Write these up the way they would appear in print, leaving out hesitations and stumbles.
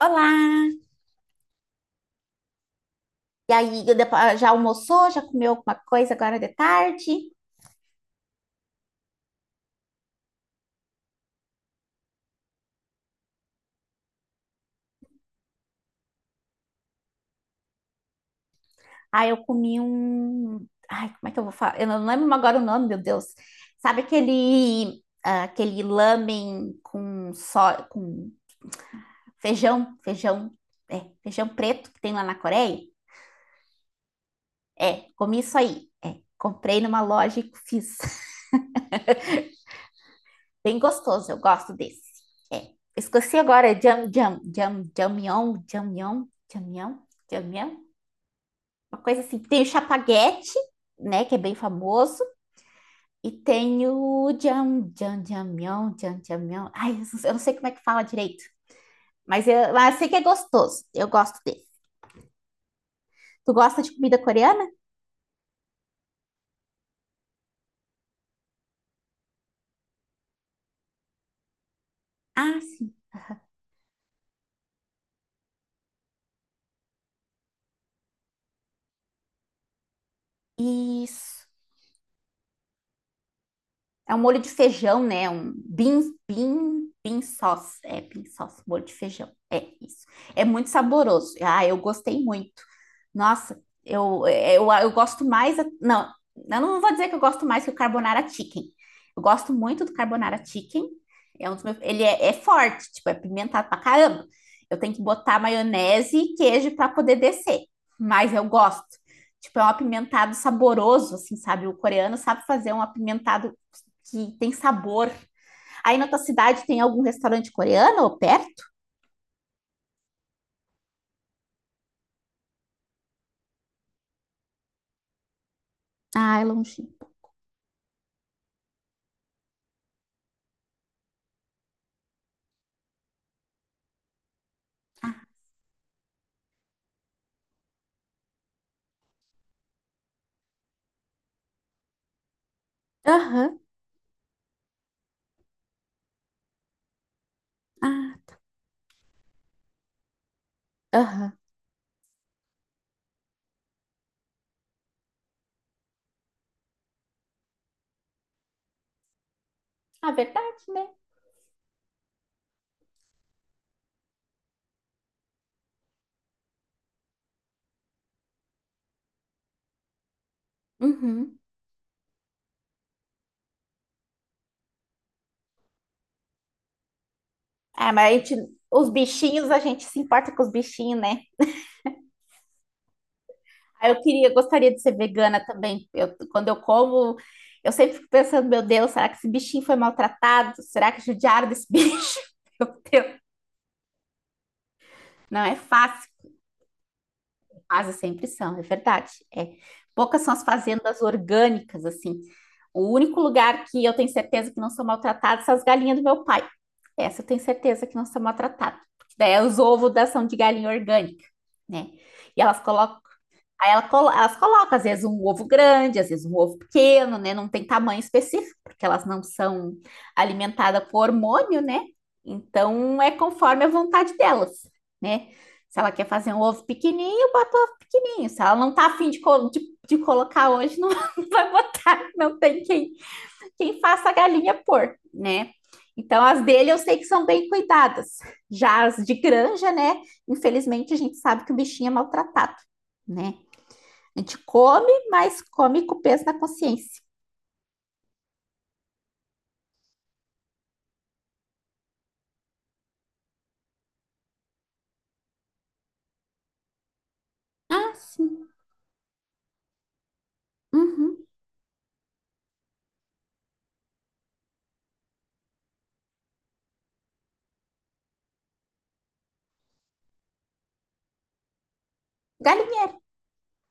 Olá! E aí, já almoçou? Já comeu alguma coisa agora de tarde? Ah, eu comi um. Ai, como é que eu vou falar? Eu não lembro agora o nome, meu Deus. Sabe aquele lamen com feijão, feijão, feijão preto que tem lá na Coreia? É, comi isso aí. É, comprei numa loja e fiz. Bem gostoso, eu gosto desse. É, esqueci agora, jamion, jamion, jamion, jamion. Uma coisa assim. Tem o Chapaguete, né, que é bem famoso, e tem o Jamião. Ai, eu não sei como é que fala direito, mas eu sei que é gostoso. Eu gosto dele. Tu gosta de comida coreana? Ah, isso. É um molho de feijão, né? Um bean sauce. É, bean sauce, molho de feijão. É isso. É muito saboroso. Ah, eu gostei muito. Nossa, eu gosto mais. Não, eu não vou dizer que eu gosto mais que o carbonara chicken. Eu gosto muito do carbonara chicken. Ele é forte, tipo, é pimentado pra caramba. Eu tenho que botar maionese e queijo para poder descer. Mas eu gosto. Tipo, é um apimentado saboroso, assim, sabe? O coreano sabe fazer um apimentado que tem sabor. Aí na tua cidade tem algum restaurante coreano ou perto? Ah, é longe. Aham. Ah, aham. Ah, verdade, né? Uhum. Ah, mas a gente, os bichinhos, a gente se importa com os bichinhos, né? Ah, gostaria de ser vegana também. Quando eu como, eu sempre fico pensando, meu Deus, será que esse bichinho foi maltratado? Será que judiaram desse bicho? Meu Deus, não é fácil. Quase sempre são, é verdade. É. Poucas são as fazendas orgânicas, assim. O único lugar que eu tenho certeza que não são maltratadas são as galinhas do meu pai. Essa eu tenho certeza que não são maltratadas. Porque daí é os ovos da são de galinha orgânica, né? E elas colocam. Elas colocam, às vezes, um ovo grande, às vezes um ovo pequeno, né? Não tem tamanho específico, porque elas não são alimentadas com hormônio, né? Então é conforme a vontade delas, né? Se ela quer fazer um ovo pequenininho, bota um ovo pequenininho. Se ela não tá afim de colocar hoje, não não vai botar. Não tem quem faça a galinha pôr, né? Então as dele eu sei que são bem cuidadas. Já as de granja, né? Infelizmente a gente sabe que o bichinho é maltratado, né? A gente come, mas come com peso na consciência. Ah, sim. Uhum. Galinheiro,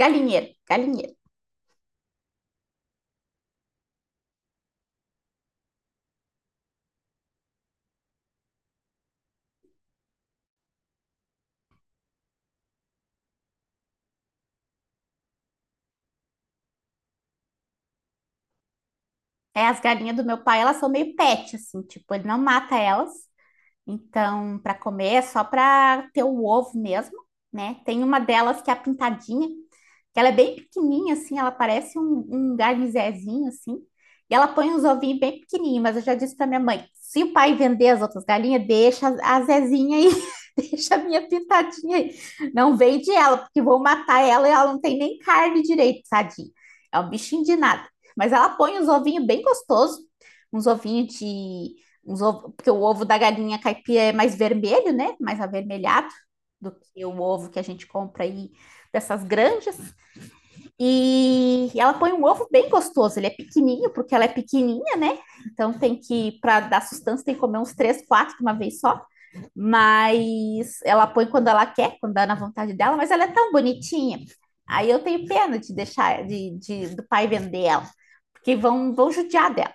galinheiro, galinheiro. É, as galinhas do meu pai, elas são meio pet, assim, tipo, ele não mata elas. Então, para comer é só para ter o ovo mesmo, né? Tem uma delas que é a pintadinha, que ela é bem pequenininha, assim, ela parece um garnizezinho, assim. E ela põe uns ovinhos bem pequenininhos, mas eu já disse para minha mãe, se o pai vender as outras galinhas, deixa a Zezinha aí, deixa a minha pintadinha aí. Não vende ela, porque vou matar ela e ela não tem nem carne direito, tadinha. É um bichinho de nada. Mas ela põe uns ovinhos bem gostosos, uns ovinhos de uns ovo, porque o ovo da galinha caipira é mais vermelho, né? Mais avermelhado do que o ovo que a gente compra aí dessas granjas. E ela põe um ovo bem gostoso, ele é pequenininho, porque ela é pequenininha, né? Então tem que, para dar sustância, tem que comer uns três, quatro de uma vez só. Mas ela põe quando ela quer, quando dá na vontade dela, mas ela é tão bonitinha. Aí eu tenho pena de deixar, de do pai vender ela, porque vão judiar dela.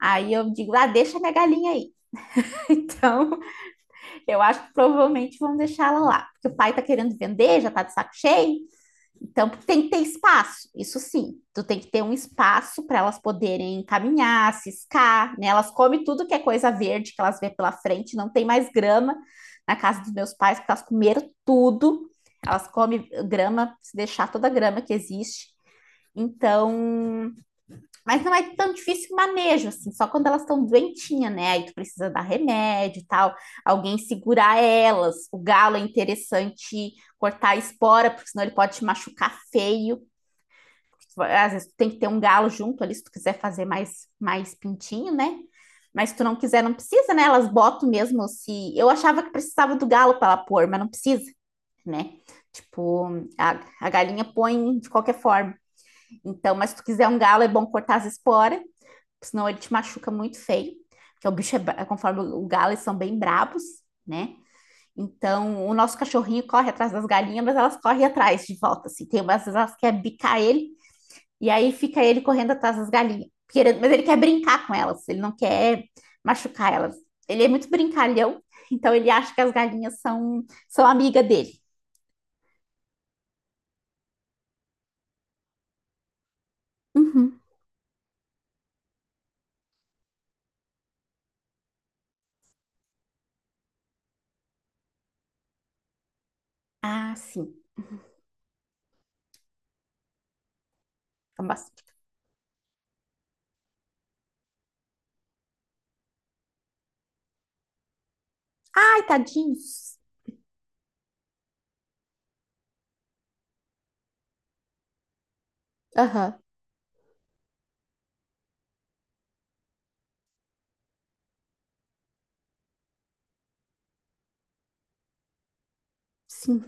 Aí eu digo, ah, deixa minha galinha aí. Então, eu acho que provavelmente vão deixar ela lá, porque o pai tá querendo vender, já tá de saco cheio. Então tem que ter espaço, isso sim. Tu tem que ter um espaço para elas poderem caminhar, ciscar, né? Elas comem tudo que é coisa verde que elas vê pela frente, não tem mais grama na casa dos meus pais, porque elas comeram tudo. Elas comem grama, se deixar toda a grama que existe. Então, mas não é tão difícil o manejo, assim, só quando elas estão doentinhas, né? Aí tu precisa dar remédio e tal, alguém segurar elas. O galo é interessante cortar a espora, porque senão ele pode te machucar feio. Às vezes tu tem que ter um galo junto ali, se tu quiser fazer mais pintinho, né? Mas se tu não quiser, não precisa, né? Elas botam mesmo se. Eu achava que precisava do galo para ela pôr, mas não precisa, né? Tipo, a galinha põe de qualquer forma. Então, mas se tu quiser um galo, é bom cortar as esporas senão ele te machuca muito feio, porque o bicho é, conforme o galo, eles são bem brabos, né? Então, o nosso cachorrinho corre atrás das galinhas, mas elas correm atrás de volta, assim. Tem umas vezes elas querem bicar ele, e aí fica ele correndo atrás das galinhas. Querendo, mas ele quer brincar com elas, ele não quer machucar elas. Ele é muito brincalhão, então ele acha que as galinhas são amiga dele. Uhum. Ah, sim. São bastante. Ai, tadinhos. Aham, uhum. Sim.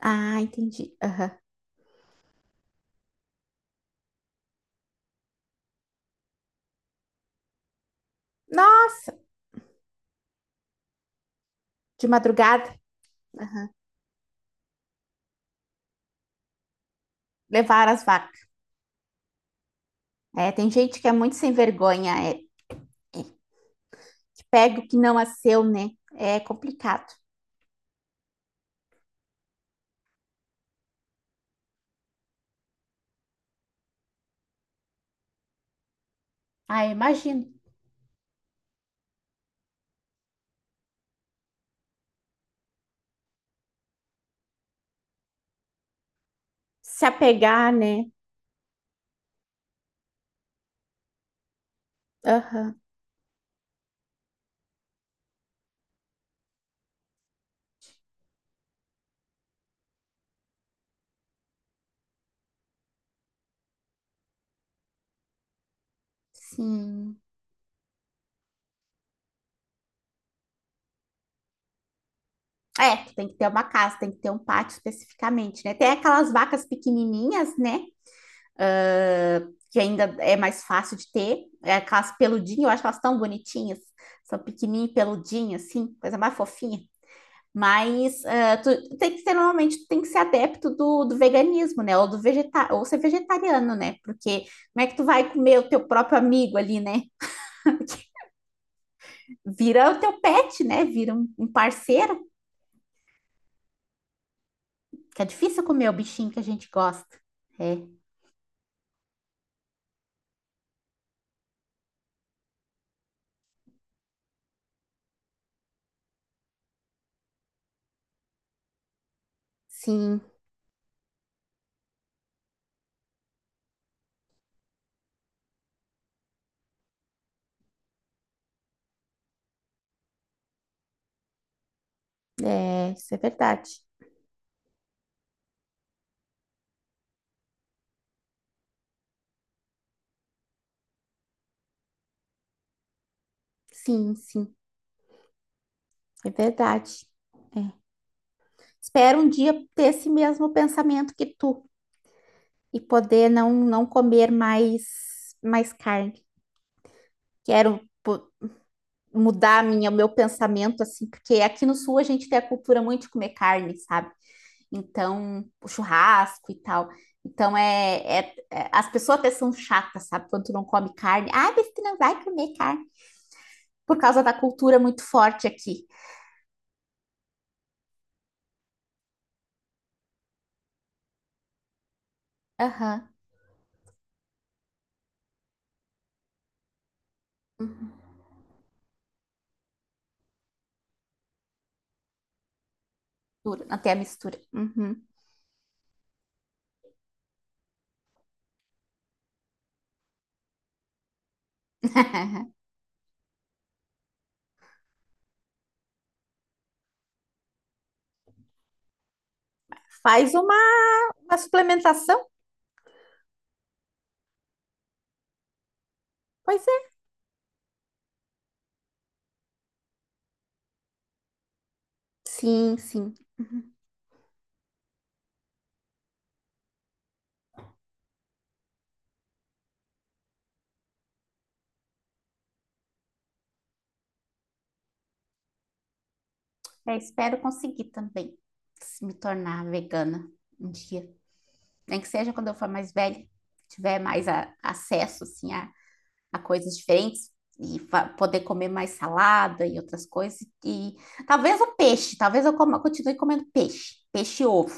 Ah, entendi. Aham. Nossa, de madrugada. Aham. Levar as vacas. É, tem gente que é muito sem vergonha, é, que pega o que não é seu, né? É complicado. Ah, imagino. Se apegar, né? Aham, sim. É, que tem que ter uma casa, tem que ter um pátio especificamente, né? Tem aquelas vacas pequenininhas, né? Ah, que ainda é mais fácil de ter. É aquelas peludinhas, eu acho elas tão bonitinhas. São pequenininhas, e peludinhas, assim, coisa mais fofinha. Mas ah, tu tem que ser, normalmente, tu tem que ser adepto do veganismo, né? Ou ser vegetariano, né? Porque como é que tu vai comer o teu próprio amigo ali, né? Vira o teu pet, né? Vira um parceiro, que é difícil comer o bichinho que a gente gosta. É. Sim, é, isso é verdade. Sim, sim, é verdade. É. Espero um dia ter esse mesmo pensamento que tu e poder não comer mais carne. Quero, mudar o meu pensamento, assim, porque aqui no Sul a gente tem a cultura muito de comer carne, sabe? Então, o churrasco e tal. Então, as pessoas até são chatas, sabe? Quando tu não come carne. Ah, mas tu não vai comer carne. Por causa da cultura muito forte aqui. Aham. Mistura, até a mistura. Uhum. Faz uma suplementação? Pois é. Sim, sim. É, espero conseguir também se me tornar vegana um dia. Nem que seja quando eu for mais velha, tiver mais acesso assim, a coisas diferentes e poder comer mais salada e outras coisas. E talvez o peixe, talvez continue comendo peixe e ovo.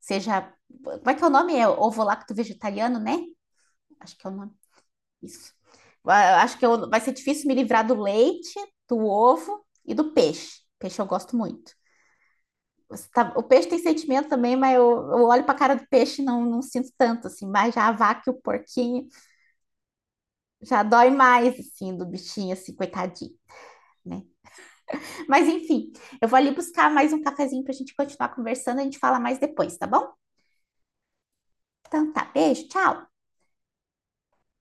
Seja, como é que é o nome? É ovo lacto vegetariano, né? Acho que é o nome. Isso. Ah, acho que vai ser difícil me livrar do leite, do ovo e do peixe. Peixe eu gosto muito. O peixe tem sentimento também, mas eu olho para a cara do peixe e não sinto tanto, assim. Mas já a vaca e o porquinho já dói mais, assim, do bichinho, assim, coitadinho, né? Mas enfim, eu vou ali buscar mais um cafezinho para a gente continuar conversando. A gente fala mais depois, tá bom? Então tá, beijo, tchau.